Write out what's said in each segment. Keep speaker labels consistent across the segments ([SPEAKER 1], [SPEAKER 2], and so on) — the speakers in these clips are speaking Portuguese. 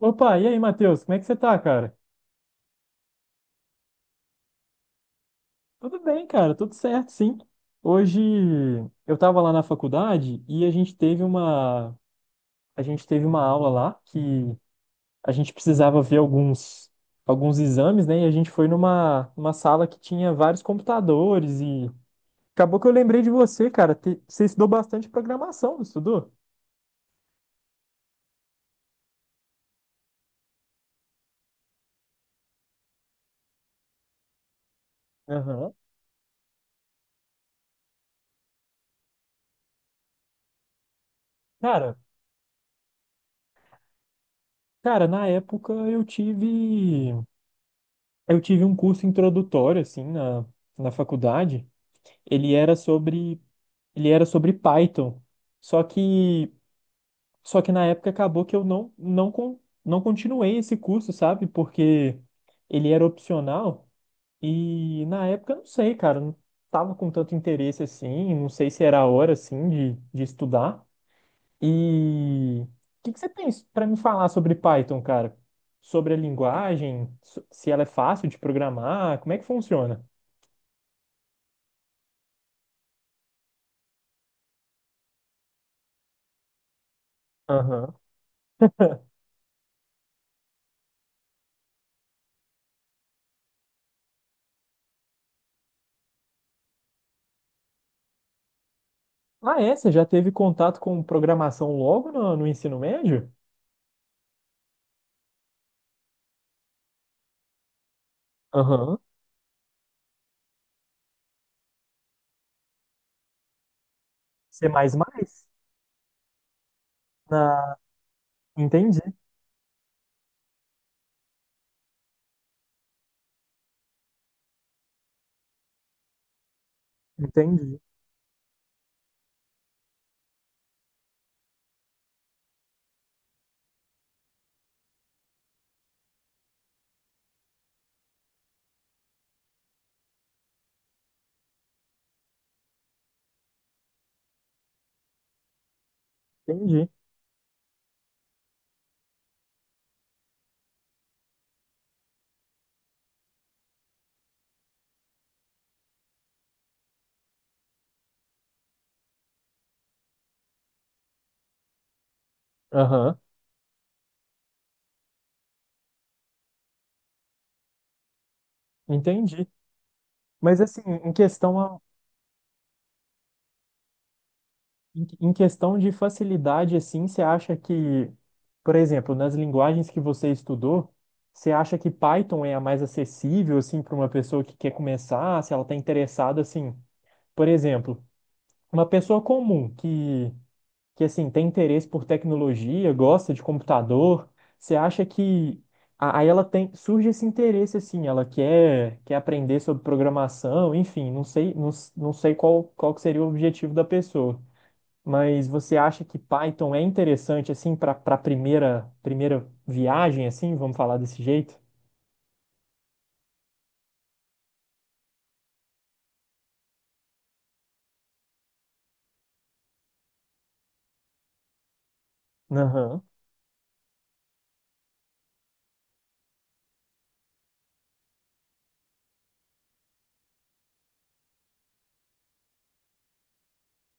[SPEAKER 1] Opa, e aí, Matheus? Como é que você tá, cara? Tudo bem, cara, tudo certo, sim. Hoje eu tava lá na faculdade e a gente teve uma aula lá que a gente precisava ver alguns exames, né? E a gente foi numa uma sala que tinha vários computadores e acabou que eu lembrei de você, cara. Você estudou bastante programação, não estudou? Aham. Cara, cara, na época eu tive um curso introdutório assim na faculdade. ele era sobre Ele era sobre Python. Só que só que na época acabou que eu não continuei esse curso, sabe? Porque ele era opcional e na época não sei, cara, não tava com tanto interesse assim, não sei se era a hora assim de estudar. E o que que você tem para me falar sobre Python, cara? Sobre a linguagem, se ela é fácil de programar, como é que funciona? Ah, é? Você já teve contato com programação logo no ensino médio? Aham. C++? Na... Entendi, entendi, entendi. Aham, entendi. Mas assim, em em questão de facilidade, assim, você acha que, por exemplo, nas linguagens que você estudou, você acha que Python é a mais acessível, assim, para uma pessoa que quer começar, se ela está interessada, assim, por exemplo, uma pessoa comum que assim tem interesse por tecnologia, gosta de computador, você acha que aí ela tem surge esse interesse assim, ela quer aprender sobre programação, enfim, não sei não, não sei qual que seria o objetivo da pessoa, mas você acha que Python é interessante assim para primeira viagem assim, vamos falar desse jeito? Aham,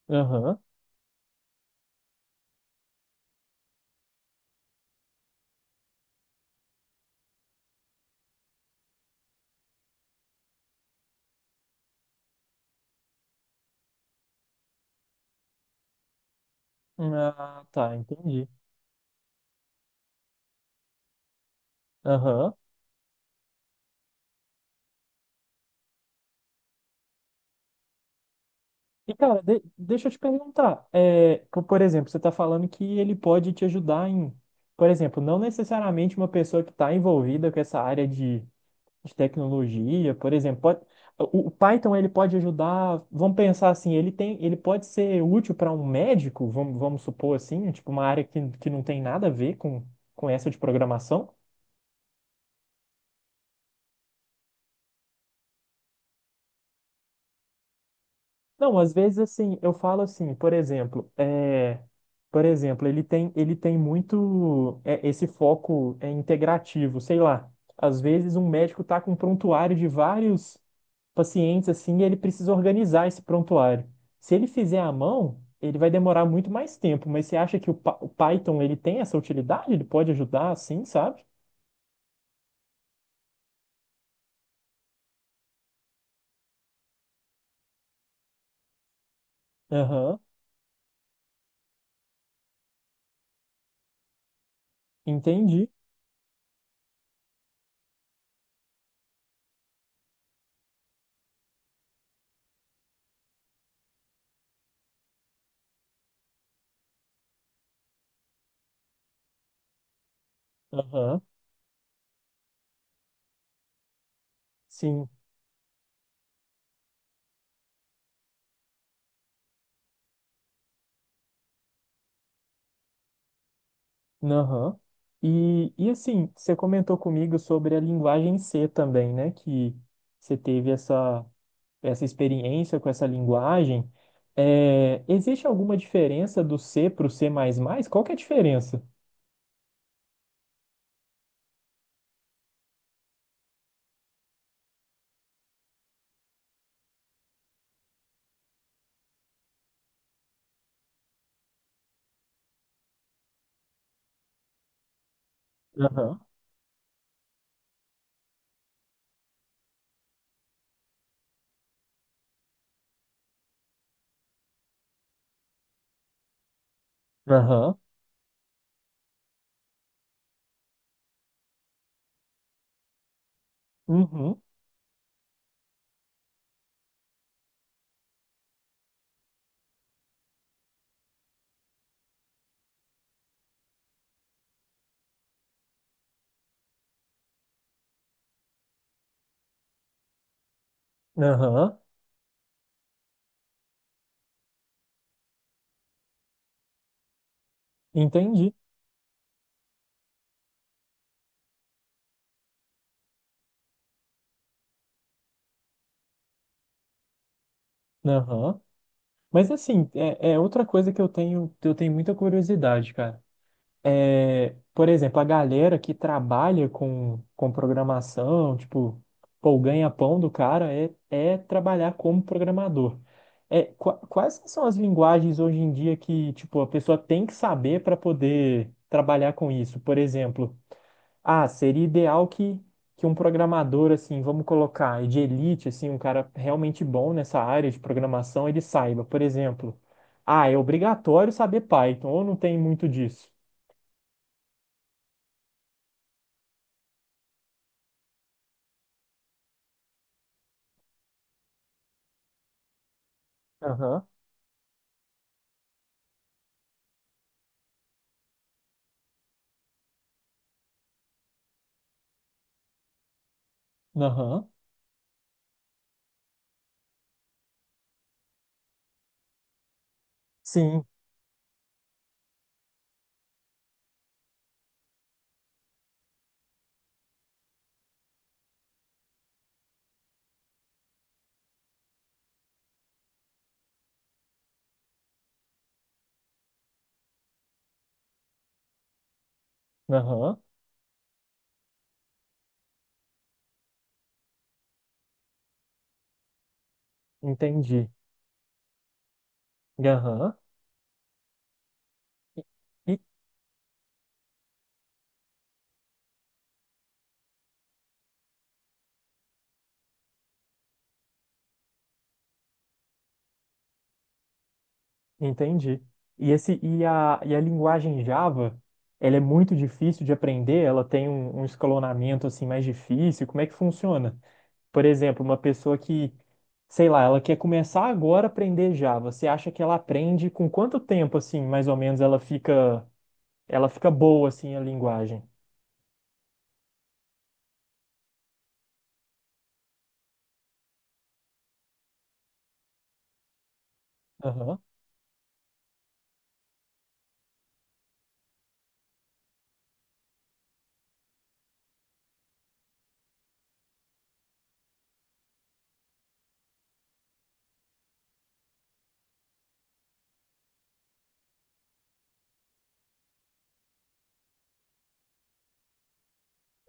[SPEAKER 1] aham. Ah, tá, entendi. Aham. E, cara, deixa eu te perguntar. É, por exemplo, você está falando que ele pode te ajudar em, por exemplo, não necessariamente uma pessoa que está envolvida com essa área de tecnologia, por exemplo, o Python ele pode ajudar, vamos pensar assim, ele pode ser útil para um médico, vamos supor assim, tipo uma área que não tem nada a ver com essa de programação. Não, às vezes assim, eu falo assim, por exemplo, por exemplo, ele tem muito é, esse foco é, integrativo, sei lá. Às vezes um médico tá com um prontuário de vários pacientes assim, e ele precisa organizar esse prontuário. Se ele fizer à mão, ele vai demorar muito mais tempo, mas você acha que o Python ele tem essa utilidade? Ele pode ajudar assim, sabe? Aham, entendi. Aham, sim. Aham. E assim, você comentou comigo sobre a linguagem C também, né? Que você teve essa, essa experiência com essa linguagem. É, existe alguma diferença do C para o C++? Qual que é a diferença? Aham, aham, uhum, aham, entendi. Aham. Mas assim, é outra coisa que eu tenho muita curiosidade, cara. É, por exemplo, a galera que trabalha com programação, tipo, pô, o ganha-pão do cara é trabalhar como programador. É, quais são as linguagens hoje em dia que, tipo, a pessoa tem que saber para poder trabalhar com isso? Por exemplo, ah, seria ideal que um programador, assim, vamos colocar, de elite, assim, um cara realmente bom nessa área de programação, ele saiba, por exemplo, ah, é obrigatório saber Python, ou não tem muito disso? Aham. Sim. Aham. Entendi. Aham. E- e- Entendi. E, e a linguagem Java, ela é muito difícil de aprender? Ela tem um, um escalonamento assim mais difícil? Como é que funciona? Por exemplo, uma pessoa que, sei lá, ela quer começar agora a aprender Java. Você acha que ela aprende com quanto tempo assim, mais ou menos, ela fica boa assim a linguagem? Aham,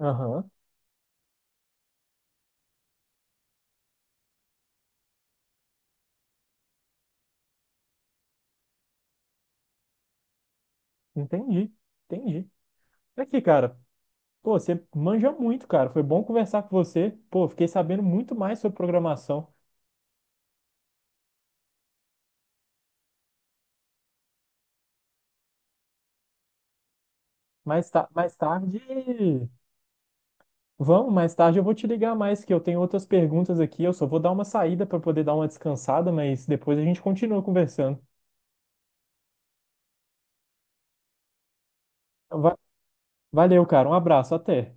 [SPEAKER 1] aham, entendi, entendi. Aqui, cara, pô, você manja muito, cara. Foi bom conversar com você. Pô, fiquei sabendo muito mais sobre programação. Mais, ta mais tarde. Vamos, mais tarde eu vou te ligar mais, que eu tenho outras perguntas aqui. Eu só vou dar uma saída para poder dar uma descansada, mas depois a gente continua conversando. Então, valeu, cara. Um abraço. Até.